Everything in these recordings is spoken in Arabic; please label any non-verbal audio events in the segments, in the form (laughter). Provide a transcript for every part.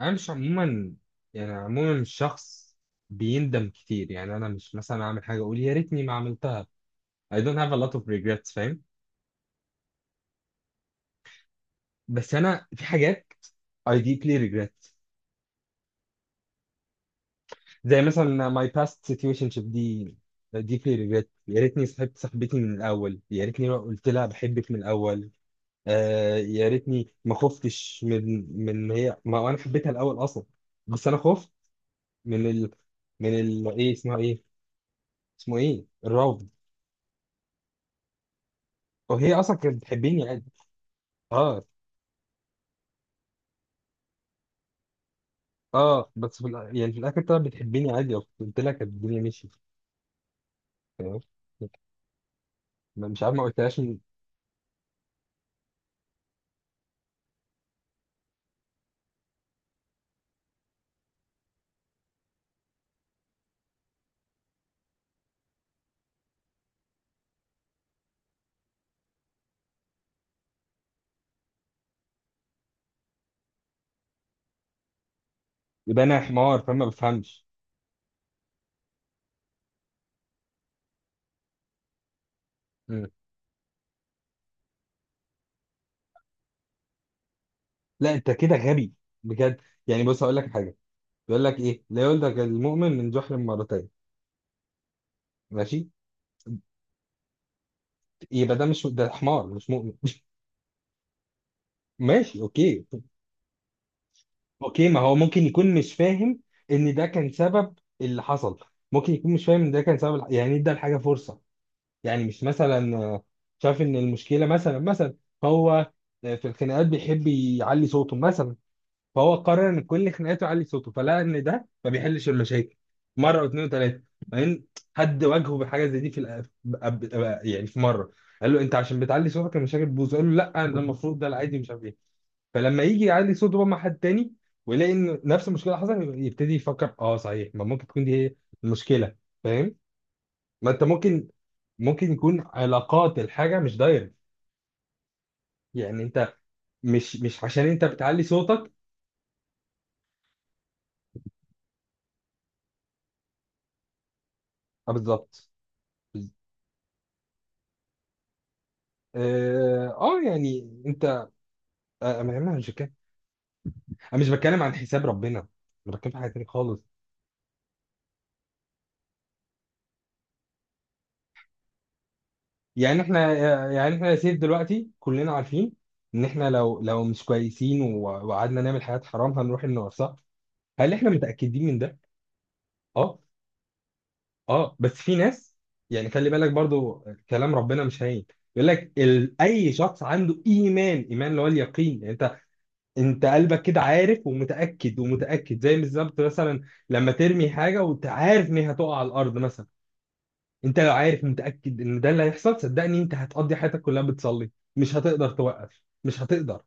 انا مش عموما، يعني عموما مش شخص بيندم كتير. يعني انا مش مثلا اعمل حاجه اقول يا ريتني ما عملتها. I don't have a lot of regrets. فاهم؟ بس انا في حاجات I deeply regret، زي مثلا my past situationship دي. I deeply regret، يا ريتني صاحبت صاحبتي من الاول، يا ريتني ما قلت لها بحبك من الاول. آه، يا ريتني ما خفتش من هي، ما انا حبيتها الاول اصلا. بس انا خفت من ال، من ال ايه اسمها ايه اسمه ايه، الرفض. وهي اصلا كانت بتحبني عادي. اه، اه، بس يعني في الاخر طلعت بتحبني عادي، قلت لها كانت الدنيا مشيت. فاهم؟ مش عارف ما قلتلهاش يبقى انا حمار فما بفهمش. مم. لا، انت كده غبي بجد. يعني بص هقول لك حاجه، بيقول لك ايه؟ لا يولدك المؤمن من جحر مرتين. ماشي. يبقى ده، مش ده حمار مش مؤمن (laughs) ماشي، اوكي. اوكي، ما هو ممكن يكون مش فاهم ان ده كان سبب اللي حصل. ممكن يكون مش فاهم ان ده كان سبب يعني ادى الحاجه فرصه. يعني مش مثلا شاف ان المشكله مثلا، مثلا هو في الخناقات بيحب يعلي صوته مثلا. فهو قرر ان كل خناقاته يعلي صوته، فلقى ان ده ما بيحلش المشاكل. مره واثنين وثلاثه، بعدين حد واجهه بحاجه زي دي في الأ- أب- أب- يعني في مره قال له انت عشان بتعلي صوتك المشاكل بتبوظ، قال له لا ده المفروض، ده العادي، مش عارف ايه. فلما يجي يعلي صوته بقى مع حد تاني ويلاقي ان نفس المشكله حصلت، يبتدي يفكر اه صحيح، ما ممكن تكون دي هي المشكله. فاهم؟ ما انت ممكن، ممكن يكون علاقات الحاجة مش دايركت. يعني انت مش عشان انت بتعلي صوتك. اه، بالظبط. بز- اه، آه، يعني انت، ما انا مش بتكلم. انا مش بتكلم عن حساب ربنا، انا بتكلم في حاجة تانية خالص. يعني احنا، آه، يعني احنا يا سيف دلوقتي كلنا عارفين ان احنا لو مش كويسين وقعدنا نعمل حاجات حرام هنروح النار، صح؟ هل احنا متأكدين من ده؟ اه، اه. بس في ناس، يعني خلي بالك برضو كلام ربنا مش هين. يقول لك اي شخص عنده ايمان، ايمان اللي هو اليقين، يعني انت قلبك كده عارف ومتاكد ومتاكد، زي بالظبط مثلا لما ترمي حاجه وانت عارف ان هي هتقع على الارض مثلا. انت لو عارف متاكد ان ده اللي هيحصل، صدقني انت هتقضي حياتك كلها بتصلي. مش هتقدر توقف، مش هتقدر.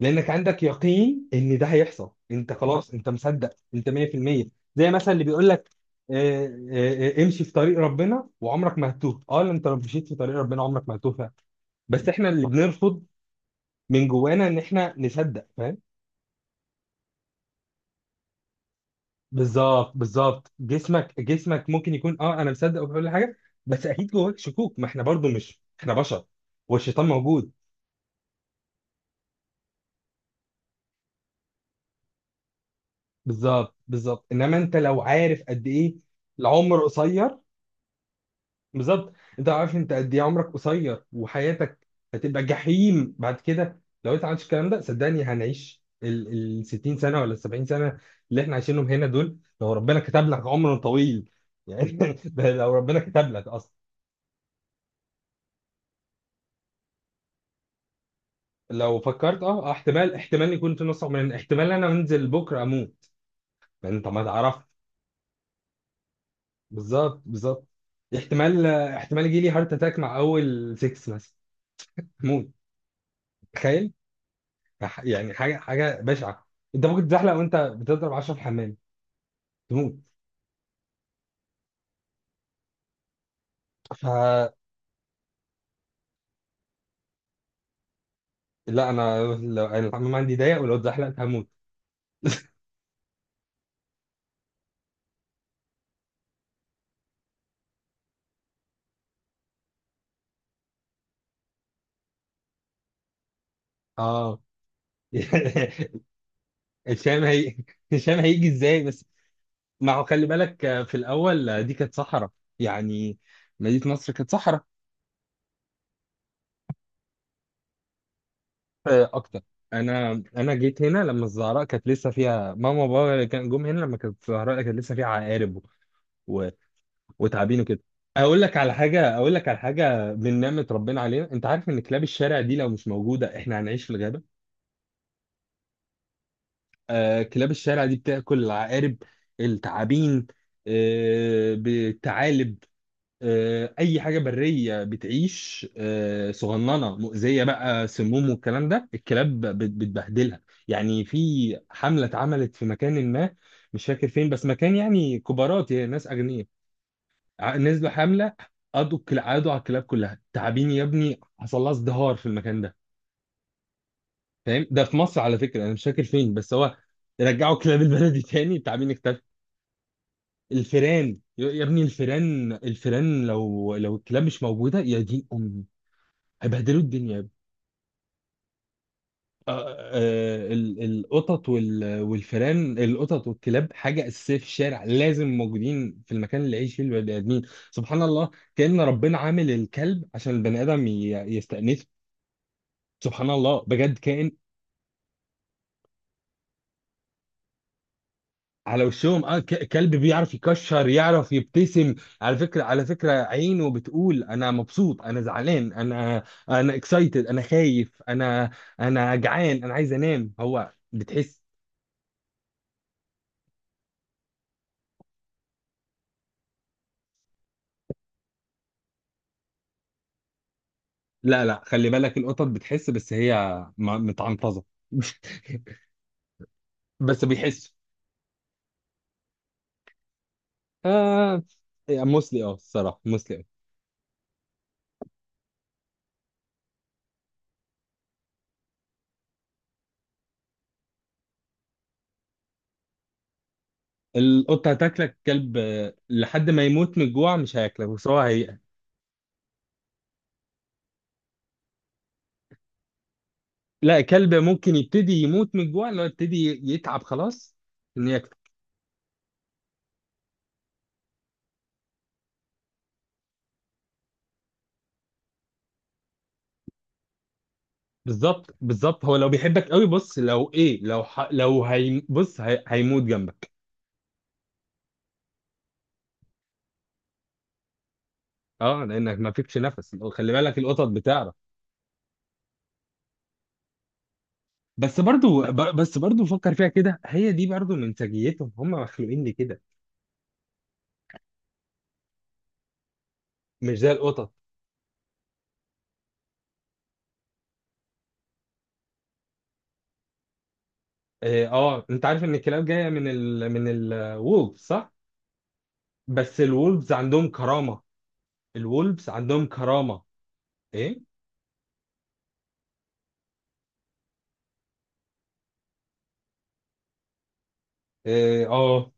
لانك عندك يقين ان ده هيحصل، انت خلاص انت مصدق، انت 100%. زي مثلا اللي بيقول لك، آه، امشي في طريق ربنا وعمرك ما هتتوه. اه لأ، انت لو مشيت في طريق ربنا عمرك ما هتتوه فعلا. بس احنا اللي بنرفض من جوانا ان احنا نصدق. فاهم؟ بالظبط بالظبط. جسمك ممكن يكون اه انا مصدق وكل حاجه، بس اكيد جواك شكوك. ما احنا برضو، مش احنا بشر، والشيطان موجود. بالظبط بالظبط. انما انت لو عارف قد ايه العمر قصير. بالظبط. انت ما عارفش انت قد ايه عمرك قصير، وحياتك هتبقى جحيم بعد كده لو انت عملتش الكلام ده. صدقني هنعيش ال 60 سنه ولا ال 70 سنه اللي احنا عايشينهم هنا دول، لو ربنا كتب لك عمر طويل يعني (laughs) ده لو ربنا كتب لك اصلا. لو فكرت اه، اه، احتمال يكون في نص عمرنا، احتمال انا انزل بكره اموت. ما انت ما تعرف. بالظبط بالظبط. احتمال يجي لي هارت اتاك مع اول 6 مثلا، موت، تخيل. يعني حاجه بشعه. انت ممكن تزحلق وانت بتضرب 10 في الحمام تموت. ف، لا انا، لو انا الحمام عندي ضيق ولو اتزحلقت هموت. اه (laughs) الشام هي، الشام هيجي ازاي بس؟ ما هو خلي بالك، آه، في الاول آه، دي كانت صحراء. يعني مدينه مصر كانت صحراء. آه، اكتر. انا جيت هنا لما الزهراء كانت لسه فيها، ماما وبابا كان جم هنا لما كانت الزهراء كانت لسه فيها عقارب وتعبين وكده. اقول لك على حاجه، من نعمه ربنا علينا، انت عارف ان كلاب الشارع دي لو مش موجوده احنا هنعيش في الغابه. آه، كلاب الشارع دي بتاكل العقارب، التعابين، آه، بالثعالب، آه، اي حاجه بريه بتعيش، آه، صغننه مؤذيه بقى، سموم والكلام ده، الكلاب بتبهدلها. يعني في حمله اتعملت في مكان ما، مش فاكر فين، بس مكان يعني كبارات يعني ناس اغنياء. نزلوا حمله، قضوا قعدوا على الكلاب كلها، تعابين يا ابني حصل لها ازدهار في المكان ده. فاهم؟ ده في مصر على فكره، انا مش فاكر فين بس هو. رجعوا كلاب البلدي تاني، التعابين اختفت. الفيران يا ابني، الفيران لو الكلاب مش موجوده يا دين امي هيبهدلوا الدنيا يا ابني. آه، آه، آه، القطط والفيران، القطط والكلاب حاجه اساسيه في الشارع، لازم موجودين في المكان اللي يعيش فيه البني ادمين. سبحان الله. كأن ربنا عامل الكلب عشان البني آدم يستأنسه. سبحان الله بجد كائن. على وشهم، اه، كلب بيعرف يكشر، يعرف يبتسم. على فكرة، على فكرة عينه بتقول انا مبسوط، انا زعلان، انا، انا اكسايتد، انا خايف، انا، انا جعان، انا عايز انام، هو بتحس. لا لا، خلي بالك القطط بتحس، بس هي متعنطظة (laughs) بس بيحس. آه. موسلي اه، الصراحة موسلي اه. القطة هتاكلك، كلب آه، لحد ما يموت من الجوع مش هياكلك، بس هو لا، كلب ممكن يبتدي يموت من الجوع، اللي هو يبتدي يتعب خلاص ان ياكل. بالظبط بالظبط، هو لو بيحبك قوي، بص لو ايه، لو هي، هيموت جنبك. اه لانك ما فيكش نفس، خلي بالك القطط بتعرف. بس برضو فكر فيها كده، هي دي برضو من سجيتهم، هم مخلوقين لكده. مش زي القطط. اه، آه، انت عارف ان الكلاب جايه من من الولفز، صح؟ بس الولفز عندهم كرامه. الولفز عندهم كرامه. ايه. اه، آه.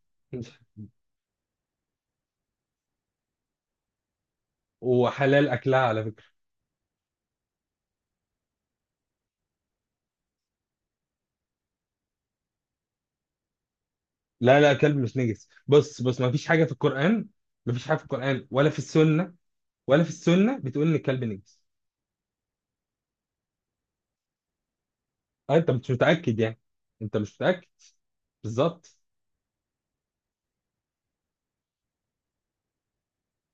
وحلال اكلها على فكره. لا لا، كلب مش نجس. بص بص، ما فيش حاجه في القران، ما فيش حاجه في القران ولا في السنه، ولا في السنه بتقول ان الكلب نجس. آه، انت مش متاكد يعني، انت مش متاكد. بالظبط.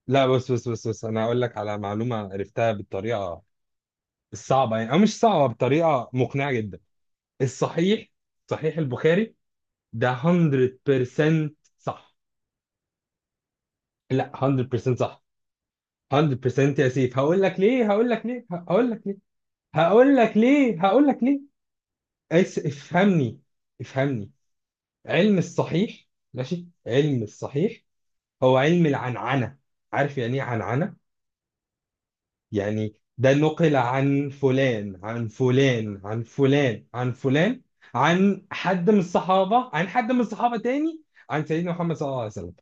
لا بص، انا هقول لك على معلومه عرفتها بالطريقه الصعبه، يعني او مش صعبه، بطريقه مقنعه جدا. الصحيح، صحيح البخاري ده 100% صح. لا، 100% صح. 100% يا سيف، هقول لك ليه، هقول لك ليه هقول لك ليه هقول لك ليه هقول لك ليه افهمني، افهمني. علم الصحيح. ماشي، علم الصحيح هو علم العنعنة. عارف يعني ايه عنعنة؟ يعني ده نقل عن فلان عن فلان عن فلان عن فلان، عن حد من الصحابة، عن حد من الصحابة تاني، عن سيدنا محمد صلى الله عليه وسلم.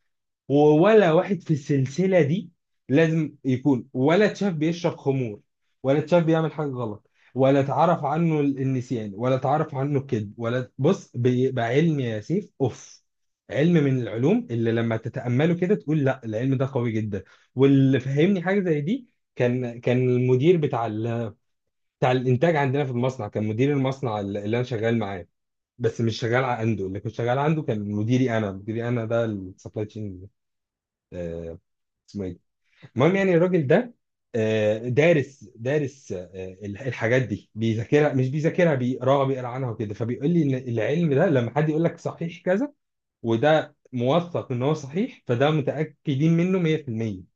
ولا واحد في السلسلة دي لازم يكون ولا اتشاف بيشرب خمور، ولا اتشاف بيعمل حاجة غلط، ولا اتعرف عنه النسيان، ولا اتعرف عنه الكذب ولا بص، بيبقى علم يا سيف اوف، علم من العلوم اللي لما تتأمله كده تقول لا العلم ده قوي جدا. واللي فهمني حاجة زي دي، كان المدير بتاع بتاع الانتاج عندنا في المصنع، كان مدير المصنع اللي انا شغال معاه، بس مش شغال عنده، اللي كنت شغال عنده كان مديري انا، مديري انا ده السبلاي تشين. اسمه ايه. المهم، يعني الراجل ده آه، دارس، دارس آه، الحاجات دي بيذاكرها، مش بيذاكرها بيقراها، بيقرا عنها وكده، فبيقول لي ان العلم ده لما حد يقول لك صحيح كذا وده موثق ان هو صحيح، فده متاكدين منه 100%.